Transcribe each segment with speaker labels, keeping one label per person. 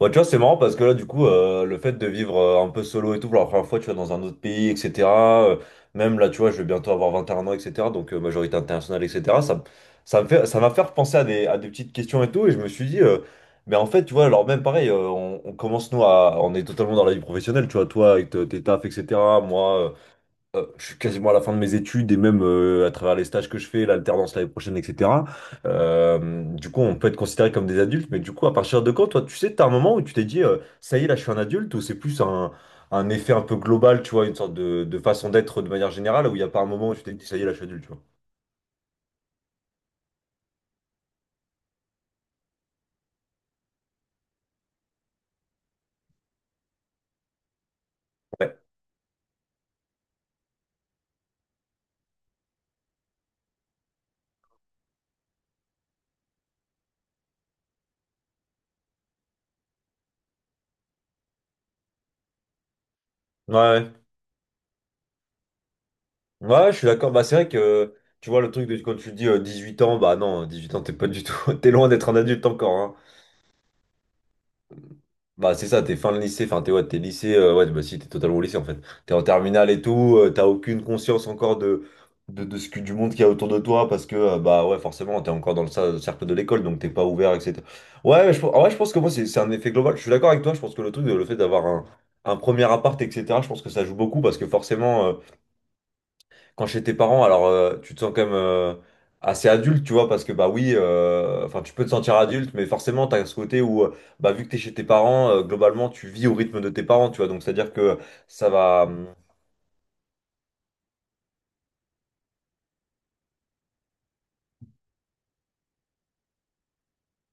Speaker 1: Bah, tu vois, c'est marrant parce que là, du coup, le fait de vivre un peu solo et tout, pour la première fois, tu vois, dans un autre pays, etc. euh, Même là, tu vois, je vais bientôt avoir 21 ans, etc. Donc, majorité internationale, etc. Ça m'a fait repenser à des petites questions et tout. Et je me suis dit, mais en fait, tu vois, alors même pareil, on commence, nous, on est totalement dans la vie professionnelle, tu vois, toi, avec tes tafs, etc. Moi, je suis quasiment à la fin de mes études et même à travers les stages que je fais, l'alternance l'année prochaine, etc. Du coup, on peut être considéré comme des adultes, mais du coup, à partir de quand, toi, tu sais, t'as un moment où tu t'es dit, ça y est, là, je suis un adulte, ou c'est plus un effet un peu global, tu vois, une sorte de façon d'être de manière générale, où il n'y a pas un moment où tu t'es dit, ça y est, là, je suis adulte, tu vois. Ouais, ouais, ouais. Ouais, je suis d'accord. Bah, c'est vrai que, tu vois, le truc de quand tu dis 18 ans, bah non, 18 ans, t'es pas du tout, t'es loin d'être un adulte encore, hein. Bah, c'est ça, t'es fin de lycée, enfin, t'es ouais, t'es lycée, ouais, bah si, t'es totalement au lycée en fait. T'es en terminale et tout, t'as aucune conscience encore de ce que, du monde qu'il y a autour de toi parce que, bah ouais, forcément, t'es encore dans le cercle de l'école donc t'es pas ouvert, etc. Ouais, je, en vrai, je pense que moi, c'est un effet global. Je suis d'accord avec toi, je pense que le truc, le fait d'avoir un premier appart, etc., je pense que ça joue beaucoup parce que forcément. Quand chez tes parents, alors tu te sens quand même assez adulte, tu vois, parce que bah oui, enfin tu peux te sentir adulte, mais forcément t'as ce côté où bah vu que t'es chez tes parents, globalement tu vis au rythme de tes parents, tu vois, donc c'est-à-dire que ça va.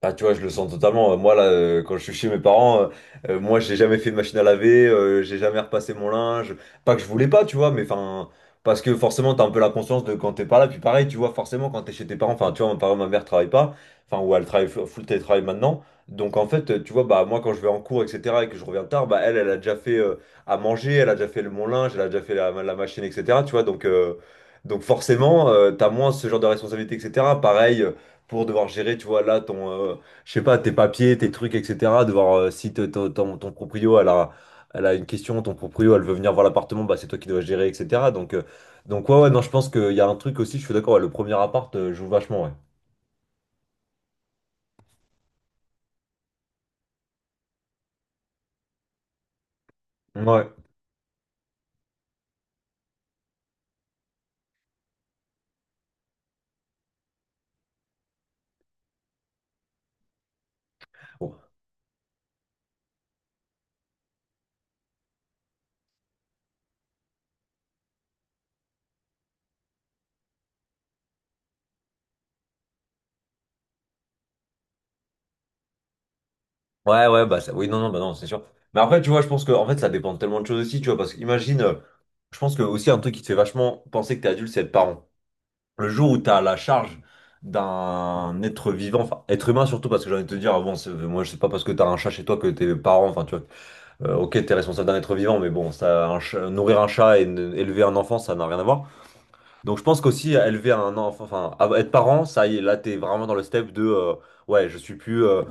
Speaker 1: Ah, tu vois, je le sens totalement. Moi, là, quand je suis chez mes parents, moi, j'ai jamais fait de machine à laver, j'ai jamais repassé mon linge. Pas que je voulais pas, tu vois, mais enfin, parce que forcément, t'as un peu la conscience de quand t'es pas là. Puis pareil, tu vois, forcément, quand t'es chez tes parents, enfin, tu vois, ma, par exemple, ma mère travaille pas, enfin, ou elle travaille full full télétravail maintenant. Donc, en fait, tu vois, bah, moi, quand je vais en cours, etc., et que je reviens tard, bah, elle, elle a déjà fait à manger, elle a déjà fait mon linge, elle a déjà fait la machine, etc., tu vois, donc forcément, t'as moins ce genre de responsabilité, etc. Pareil pour devoir gérer, tu vois, là, ton, je sais pas, tes papiers, tes trucs, etc. Devoir, si ton proprio, elle a une question, ton proprio, elle veut venir voir l'appartement, bah, c'est toi qui dois gérer, etc. Donc ouais, ouais, non, je pense qu'il y a un truc aussi, je suis d'accord, ouais, le premier appart joue vachement, ouais. Ouais. Bon. Ouais, ouais, bah, oui, non, non, bah, non, c'est sûr. Mais après, tu vois, je pense que, en fait, ça dépend de tellement de choses aussi, tu vois, parce qu'imagine, je pense que aussi un truc qui te fait vachement penser que t'es adulte, c'est être parent. Le jour où tu as la charge d'un être vivant, enfin être humain surtout, parce que j'ai envie de te dire, ah bon, moi je sais pas parce que tu as un chat chez toi que tes parents, enfin tu vois, ok, tu es responsable d'un être vivant, mais bon, ça, nourrir un chat et élever un enfant, ça n'a rien à voir. Donc je pense qu'aussi élever un enfant, enfin être parent, ça y est, là tu es vraiment dans le step de, ouais, je suis plus euh,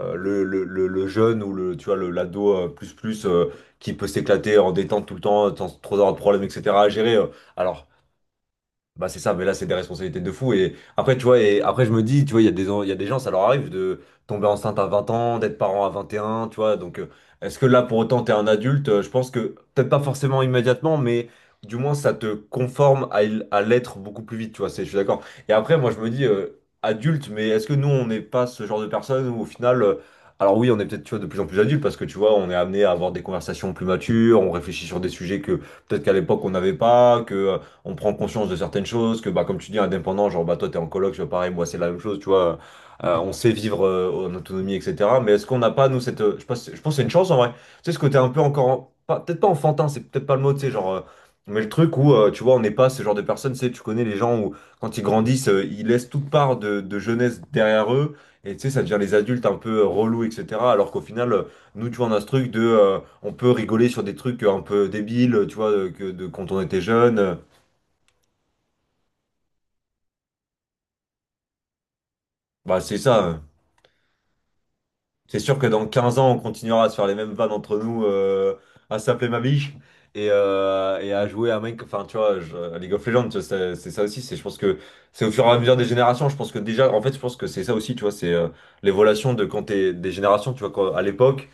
Speaker 1: euh, le, le, le- le jeune ou le, tu vois, le, l'ado plus qui peut s'éclater en détente tout le temps, sans trop avoir de problèmes, etc. à gérer. Alors. Bah c'est ça, mais là c'est des responsabilités de fou. Et après, tu vois, et après je me dis, tu vois, il y a des gens, ça leur arrive de tomber enceinte à 20 ans, d'être parent à 21 tu vois. Donc est-ce que là pour autant t'es un adulte? Je pense que peut-être pas forcément immédiatement, mais du moins ça te conforme à l'être beaucoup plus vite, tu vois. C'est, je suis d'accord. Et après, moi je me dis, adulte, mais est-ce que nous on n'est pas ce genre de personnes où au final. Alors oui, on est peut-être tu vois, de plus en plus adulte parce que tu vois, on est amené à avoir des conversations plus matures, on réfléchit sur des sujets que peut-être qu'à l'époque on n'avait pas, que on prend conscience de certaines choses, que bah, comme tu dis, indépendant, genre bah, toi t'es en coloc, je fais pareil, moi c'est la même chose, tu vois, on sait vivre en autonomie, etc. Mais est-ce qu'on n'a pas, nous, cette. Je pense que c'est une chance en vrai. Tu sais, ce côté un peu encore. Peut-être pas enfantin, c'est peut-être pas le mot, tu sais, genre. Mais le truc où, tu vois, on n'est pas ce genre de personnes, tu sais, tu connais les gens où, quand ils grandissent, ils laissent toute part de jeunesse derrière eux, et tu sais, ça devient les adultes un peu relous, etc. Alors qu'au final, nous, tu vois, on a ce truc de, on peut rigoler sur des trucs un peu débiles, tu vois, quand on était jeune, Bah, c'est ça, hein. C'est sûr que dans 15 ans, on continuera à se faire les mêmes vannes entre nous, à s'appeler ma biche et à jouer à Minecraft. Enfin, tu vois, à League of Legends, tu vois, c'est ça aussi. C'est, je pense que c'est au fur et à mesure des générations. Je pense que déjà, en fait, je pense que c'est ça aussi, tu vois, c'est l'évolution de quand t'es des générations. Tu vois, à l'époque,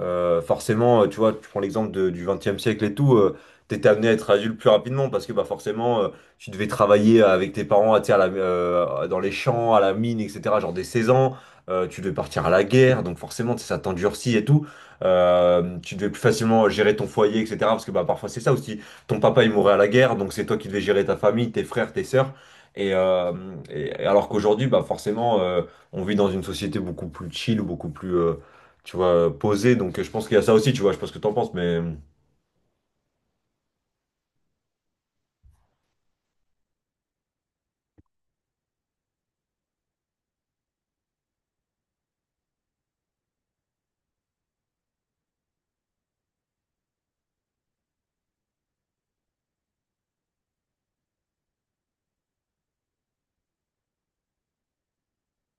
Speaker 1: forcément, tu vois, tu prends l'exemple du 20e siècle et tout, t'étais amené à être adulte plus rapidement parce que, bah, forcément, tu devais travailler avec tes parents, tu sais, à la, dans les champs, à la mine, etc., genre dès 16 ans. Tu devais partir à la guerre, donc forcément, tu sais, ça t'endurcit et tout. Tu devais plus facilement gérer ton foyer, etc. Parce que bah, parfois, c'est ça aussi. Ton papa, il mourait à la guerre, donc c'est toi qui devais gérer ta famille, tes frères, tes sœurs. Et, euh, et alors qu'aujourd'hui, bah, forcément, on vit dans une société beaucoup plus chill, beaucoup plus, tu vois, posée. Donc je pense qu'il y a ça aussi, tu vois. Je sais pas ce que t'en penses, mais...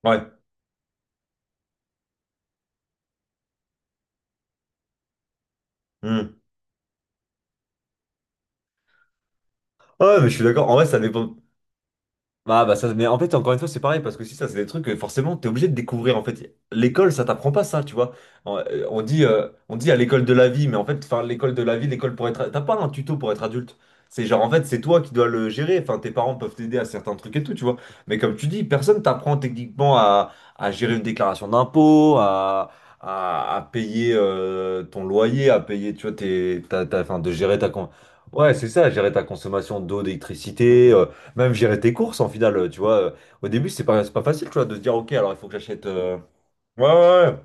Speaker 1: Ouais. Hmm. Ouais, mais je suis d'accord. En vrai, ça dépend. Ah bah ça, mais en fait, encore une fois, c'est pareil, parce que si ça, c'est des trucs que forcément, t'es obligé de découvrir, en fait. L'école, ça t'apprend pas ça, tu vois. On dit, on dit à l'école de la vie, mais en fait, enfin, l'école de la vie, l'école pour être... T'as pas un tuto pour être adulte. C'est genre, en fait, c'est toi qui dois le gérer. Enfin, tes parents peuvent t'aider à certains trucs et tout, tu vois. Mais comme tu dis, personne t'apprend techniquement à gérer une déclaration d'impôt, à payer ton loyer, à payer, tu vois, enfin, de gérer ta... Ouais, c'est ça, gérer ta consommation d'eau, d'électricité. Même gérer tes courses en final, tu vois. Au début, c'est pas facile, tu vois, de se dire, ok, alors il faut que j'achète. Ouais, ouais, ouais.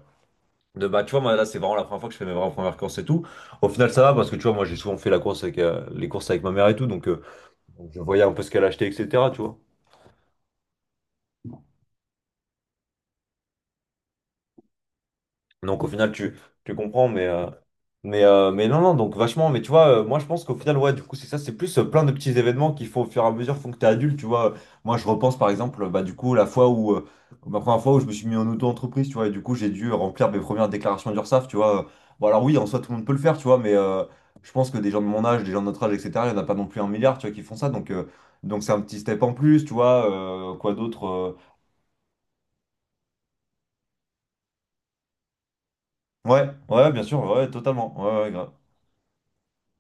Speaker 1: De, bah, tu vois, moi, là, c'est vraiment la première fois que je fais mes vraies premières courses et tout. Au final, ça va parce que, tu vois, moi, j'ai souvent fait la course avec, les courses avec ma mère et tout, donc je voyais un peu ce qu'elle achetait, etc., tu vois. Donc au final tu comprends mais non, donc vachement, mais tu vois, moi je pense qu'au final, ouais, du coup c'est ça, c'est plus, plein de petits événements qui font au fur et à mesure, font que t'es adulte, tu vois. Moi je repense par exemple, bah du coup la fois où, ma première fois où je me suis mis en auto-entreprise, tu vois, et du coup j'ai dû, remplir mes premières déclarations d'URSSAF, tu vois. Bon alors oui, en soi, tout le monde peut le faire, tu vois, mais je pense que des gens de mon âge, des gens de notre âge, etc., il n'y en a pas non plus un milliard, tu vois, qui font ça. Donc donc c'est un petit step en plus, tu vois. Quoi d'autre? Ouais, ouais, bien sûr, ouais, totalement, ouais, ouais, grave.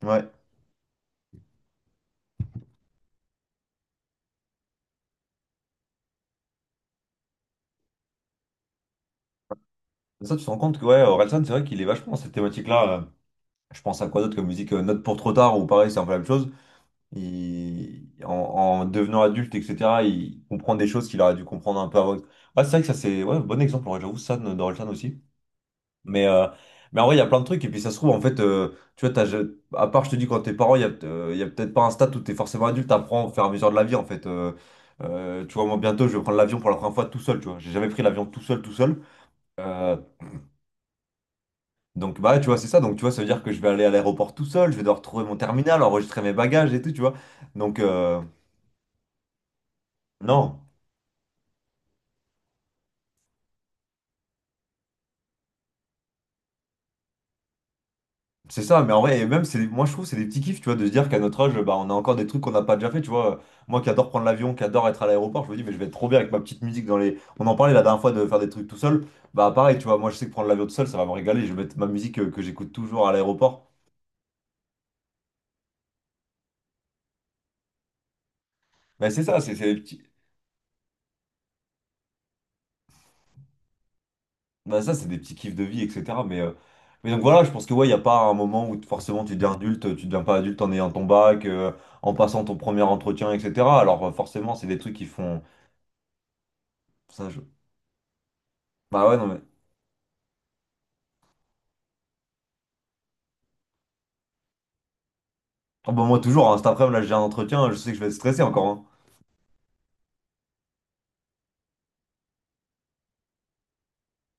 Speaker 1: Ouais. Ça, tu te rends compte que ouais, Orelsan, c'est vrai qu'il est vachement dans cette thématique-là. Je pense à quoi d'autre comme musique, Note pour trop tard, ou pareil, c'est un peu la même chose. En devenant adulte, etc., il comprend des choses qu'il aurait dû comprendre un peu avant. Ah, c'est vrai que ça, c'est, ouais, bon exemple, ouais, j'avoue, ça, d'Orelsan aussi. Mais, euh, mais en vrai, il y a plein de trucs, et puis ça se trouve, en fait, tu vois, à part, je te dis, quand t'es parent, il y a peut-être pas un stade où t'es forcément adulte, t'apprends au fur et à mesure de la vie, en fait. Tu vois, moi, bientôt, je vais prendre l'avion pour la première fois tout seul, tu vois. J'ai jamais pris l'avion tout seul, tout seul. Euh, Donc, bah, tu vois, c'est ça. Donc, tu vois, ça veut dire que je vais aller à l'aéroport tout seul, je vais devoir trouver mon terminal, enregistrer mes bagages et tout, tu vois. Donc, non, c'est ça. Mais en vrai, et même, c'est, moi, je trouve, c'est des petits kiffs, tu vois, de se dire qu'à notre âge, bah, on a encore des trucs qu'on n'a pas déjà fait, tu vois. Moi qui adore prendre l'avion, qui adore être à l'aéroport, je me dis, mais je vais être trop bien avec ma petite musique dans les. On en parlait la dernière fois de faire des trucs tout seul. Bah, pareil, tu vois, moi, je sais que prendre l'avion tout seul, ça va me régaler. Je vais mettre ma musique que, j'écoute toujours à l'aéroport. Mais c'est ça, c'est des petits. Bah ça, c'est des petits kiffs de vie, etc. Mais donc voilà, je pense que ouais, il n'y a pas un moment où forcément tu deviens adulte, tu deviens pas adulte en ayant ton bac, en passant ton premier entretien, etc. Alors forcément, c'est des trucs qui font... Ça, je... Bah ouais, non mais... Ah bah moi toujours, hein, cet après-midi, là, j'ai un entretien, je sais que je vais être stressé encore, hein.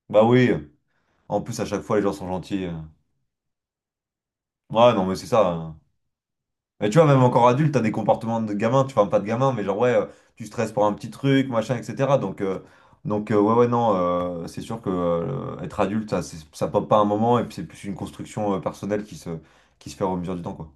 Speaker 1: Bah oui, en plus à chaque fois, les gens sont gentils. Ouais, non mais c'est ça. Mais tu vois, même encore adulte, t'as des comportements de gamin, tu, enfin pas de gamin, mais genre ouais, tu stresses pour un petit truc, machin, etc. Donc, ouais, ouais, non, c'est sûr que être adulte, ça, ça pop pas un moment, et puis c'est plus une construction personnelle qui se fait au mesure du temps, quoi.